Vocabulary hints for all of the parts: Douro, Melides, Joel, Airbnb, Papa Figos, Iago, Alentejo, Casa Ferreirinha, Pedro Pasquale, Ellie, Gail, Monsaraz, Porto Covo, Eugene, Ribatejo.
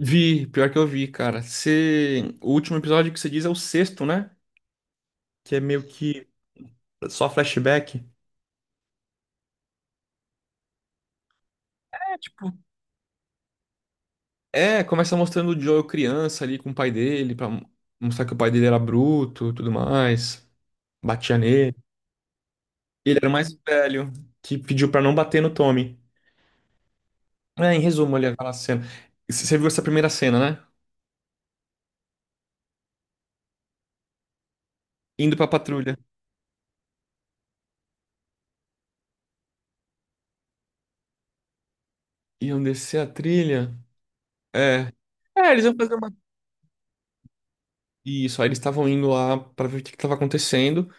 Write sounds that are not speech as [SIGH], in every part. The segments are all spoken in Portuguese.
Vi, pior que eu vi, cara. O último episódio que você diz é o sexto, né? Que é meio que só flashback. É, tipo. É, começa mostrando o Joel criança ali com o pai dele, pra mostrar que o pai dele era bruto, tudo mais. Batia nele. Ele era o mais velho, que pediu pra não bater no Tommy. É, em resumo, ali aquela cena. Você viu essa primeira cena, né? Indo pra patrulha. Iam descer a trilha. É. É, eles iam fazer uma. Isso, aí eles estavam indo lá pra ver o que que tava acontecendo.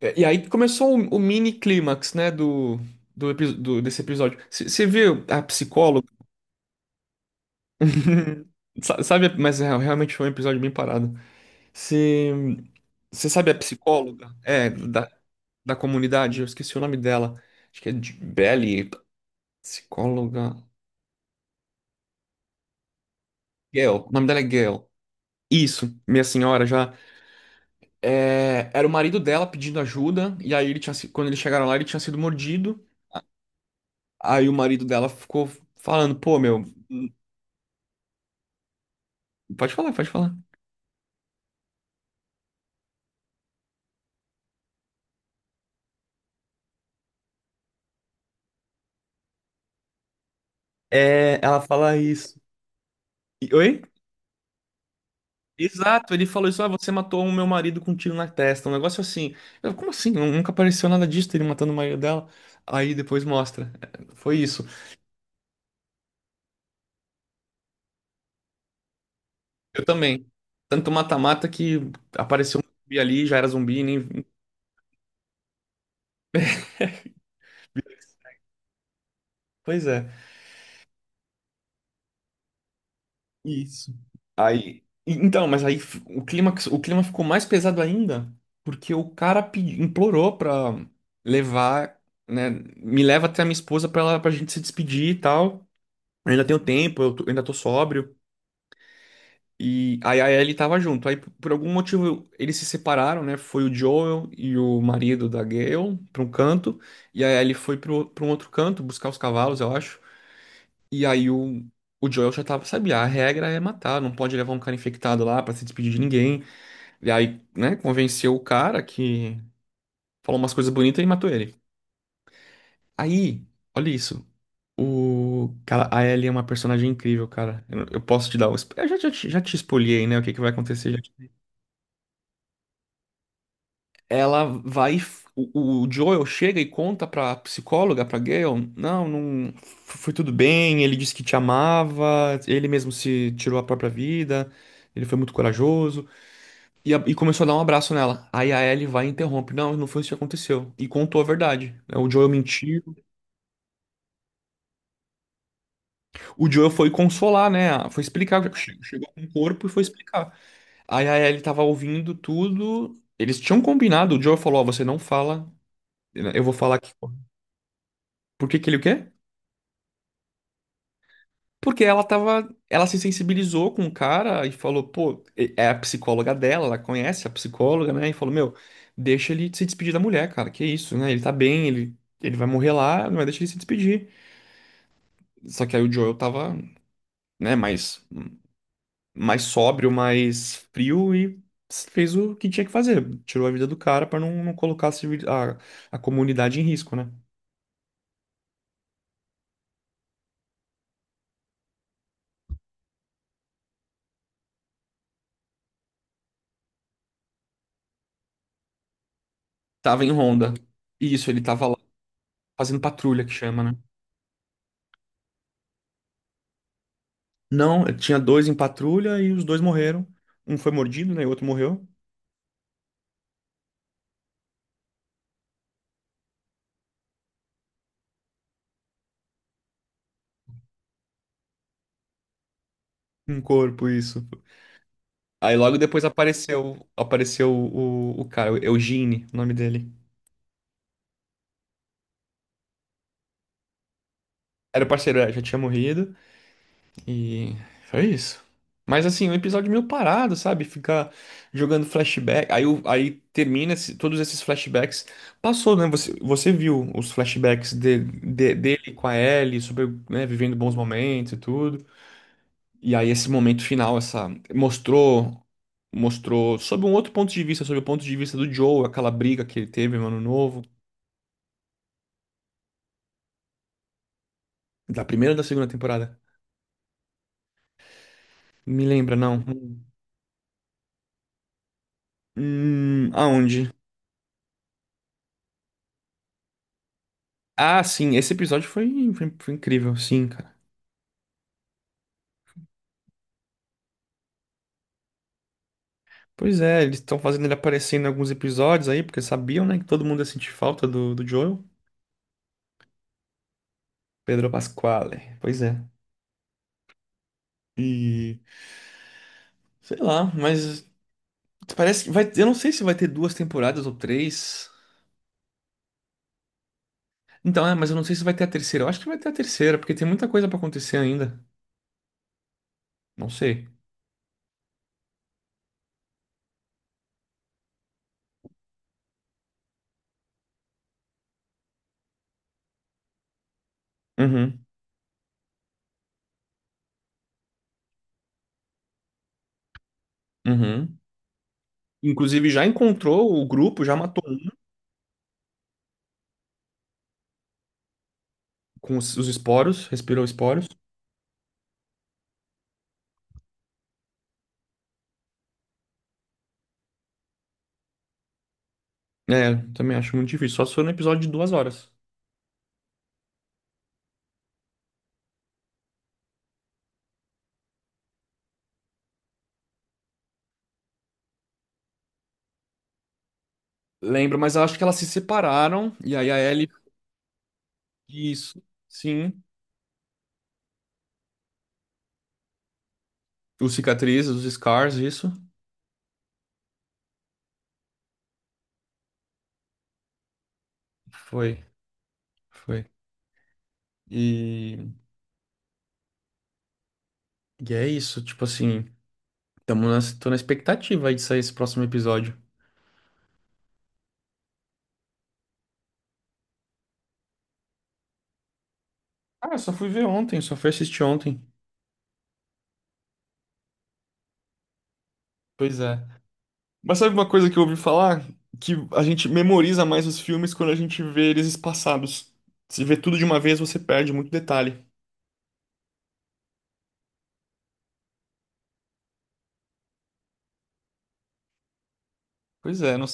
É, e aí começou o mini clímax, né, do desse episódio. Você viu a psicóloga? [LAUGHS] Sabe, mas é, realmente foi um episódio bem parado. Você sabe a psicóloga? É, da comunidade, eu esqueci o nome dela. Acho que é de Belly, psicóloga. Gail, o nome dela é Gail. Isso, minha senhora já. É, era o marido dela pedindo ajuda, e aí ele tinha, se- quando eles chegaram lá, ele tinha sido mordido. Aí o marido dela ficou falando, pô, meu. Pode falar, pode falar. É, ela fala isso. Oi? Exato, ele falou isso, ah, você matou o meu marido com um tiro na testa, um negócio assim. Como assim? Nunca apareceu nada disso, ele matando o marido dela. Aí depois mostra. É, foi isso. Eu também. Tanto mata-mata que apareceu um zumbi ali, já era zumbi, nem. Pois é. Isso. Aí, então, mas aí o clima ficou mais pesado ainda, porque o cara implorou pra levar, né, me leva até a minha esposa pra gente se despedir e tal. Eu ainda tenho tempo, eu ainda tô sóbrio. E aí a Ellie tava junto. Aí, por algum motivo, eles se separaram, né? Foi o Joel e o marido da Gale pra um canto, e a Ellie foi pra um outro canto buscar os cavalos, eu acho. E aí o Joel já tava, sabia, a regra é matar, não pode levar um cara infectado lá pra se despedir de ninguém. E aí, né, convenceu o cara que falou umas coisas bonitas e matou ele. Aí, olha isso. O cara, a Ellie é uma personagem incrível, cara. Eu posso te dar um. Eu já te espoliei, né? O que que vai acontecer? Ela vai. O Joel chega e conta pra psicóloga, pra Gale, não, não. Foi tudo bem, ele disse que te amava, ele mesmo se tirou a própria vida, ele foi muito corajoso. E começou a dar um abraço nela. Aí a Ellie vai e interrompe, não, não foi isso que aconteceu. E contou a verdade, né? O Joel mentiu. O Joel foi consolar, né? Foi explicar. Chegou com o corpo e foi explicar. Aí a Ellie tava ouvindo tudo. Eles tinham combinado, o Joel falou, ó, você não fala, eu vou falar aqui. Por que que ele o quê? Porque ela se sensibilizou com o cara e falou, pô, é a psicóloga dela, ela conhece a psicóloga, né? E falou, meu, deixa ele se despedir da mulher, cara, que isso, né? Ele tá bem, ele vai morrer lá, mas deixa ele se despedir. Só que aí o Joel tava, né, mais sóbrio, mais frio e fez o que tinha que fazer. Tirou a vida do cara pra não colocar a, civil- a comunidade em risco, né? Tava em ronda. Isso, ele tava lá fazendo patrulha, que chama, né? Não, tinha dois em patrulha e os dois morreram. Um foi mordido, né? E o outro morreu. Um corpo, isso. Aí logo depois apareceu o cara, o Eugene, o nome dele. Era o parceiro, é, já tinha morrido. E foi isso. Mas assim, um episódio meio parado, sabe? Ficar jogando flashback. Aí, aí termina todos esses flashbacks. Passou, né? Você viu os flashbacks dele com a Ellie, sobre, né, vivendo bons momentos e tudo. E aí esse momento final, essa mostrou mostrou sob um outro ponto de vista, sob o ponto de vista do Joe, aquela briga que ele teve no Ano Novo, da primeira ou da segunda temporada? Me lembra, não. Aonde? Ah, sim, esse episódio foi incrível, sim, cara. Pois é, eles estão fazendo ele aparecer em alguns episódios aí, porque sabiam, né, que todo mundo ia sentir falta do Joel. Pedro Pasquale, pois é. E sei lá, mas eu não sei se vai ter duas temporadas ou três. Então, é, mas eu não sei se vai ter a terceira. Eu acho que vai ter a terceira, porque tem muita coisa pra acontecer ainda. Não sei. Uhum, uhum. Inclusive, já encontrou o grupo, já matou um com os esporos, respirou esporos. É, também acho muito difícil. Só se for no episódio de 2 horas. Lembro, mas eu acho que elas se separaram. E aí a Ellie. Isso. Sim. Os cicatrizes, os scars, isso. Foi, foi. E, e é isso. Tipo assim, tô na expectativa aí de sair esse próximo episódio. Ah, eu só fui ver ontem, só fui assistir ontem. Pois é. Mas sabe uma coisa que eu ouvi falar? Que a gente memoriza mais os filmes quando a gente vê eles espaçados. Se vê tudo de uma vez, você perde muito detalhe. Pois é,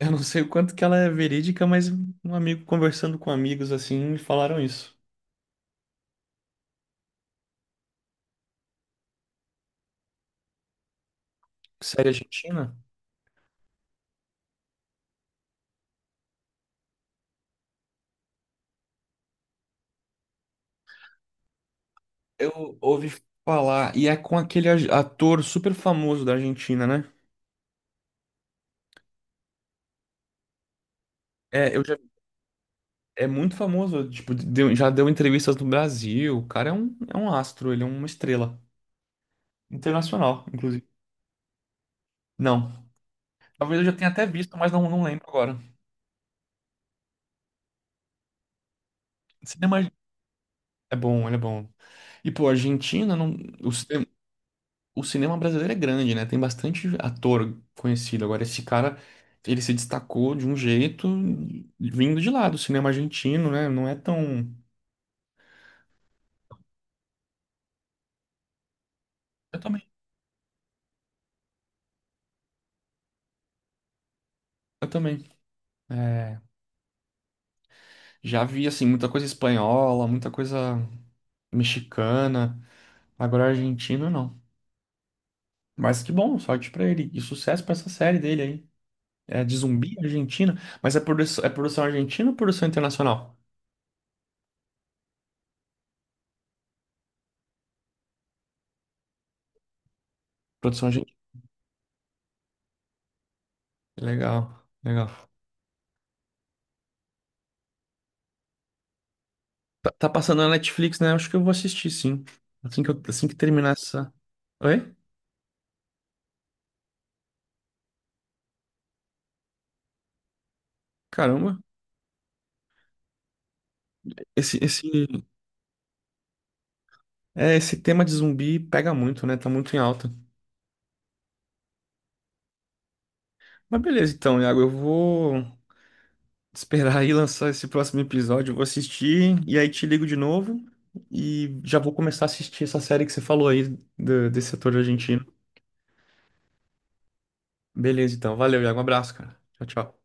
eu não sei o quanto que ela é verídica, mas um amigo conversando com amigos assim me falaram isso. Série argentina? Eu ouvi falar, e é com aquele ator super famoso da Argentina, né? É, é muito famoso, tipo, já deu entrevistas no Brasil. O cara é um, astro, ele é uma estrela. Internacional, inclusive. Não. Talvez eu já tenha até visto, mas não, não lembro agora. Cinema é bom, ele é bom. E, pô, a Argentina, não. o, cine- o cinema brasileiro é grande, né? Tem bastante ator conhecido. Agora, esse cara, ele se destacou de um jeito vindo de lá, do cinema argentino, né? Não é tão. Eu também. Eu também. É, já vi, assim, muita coisa espanhola, muita coisa mexicana. Agora, argentino, não. Mas que bom, sorte pra ele. E sucesso pra essa série dele aí. É de zumbi argentina, mas é produção argentina ou produção internacional? Produção argentina. Legal, legal. Tá, tá passando na Netflix, né? Acho que eu vou assistir, sim. Assim que terminar essa. Oi? Caramba. Esse, esse, esse tema de zumbi pega muito, né? Tá muito em alta. Mas beleza, então, Iago, eu vou [LAUGHS] esperar aí lançar esse próximo episódio. Eu vou assistir e aí te ligo de novo. E já vou começar a assistir essa série que você falou aí desse ator argentino. Beleza, então. Valeu, Iago. Um abraço, cara. Tchau, tchau.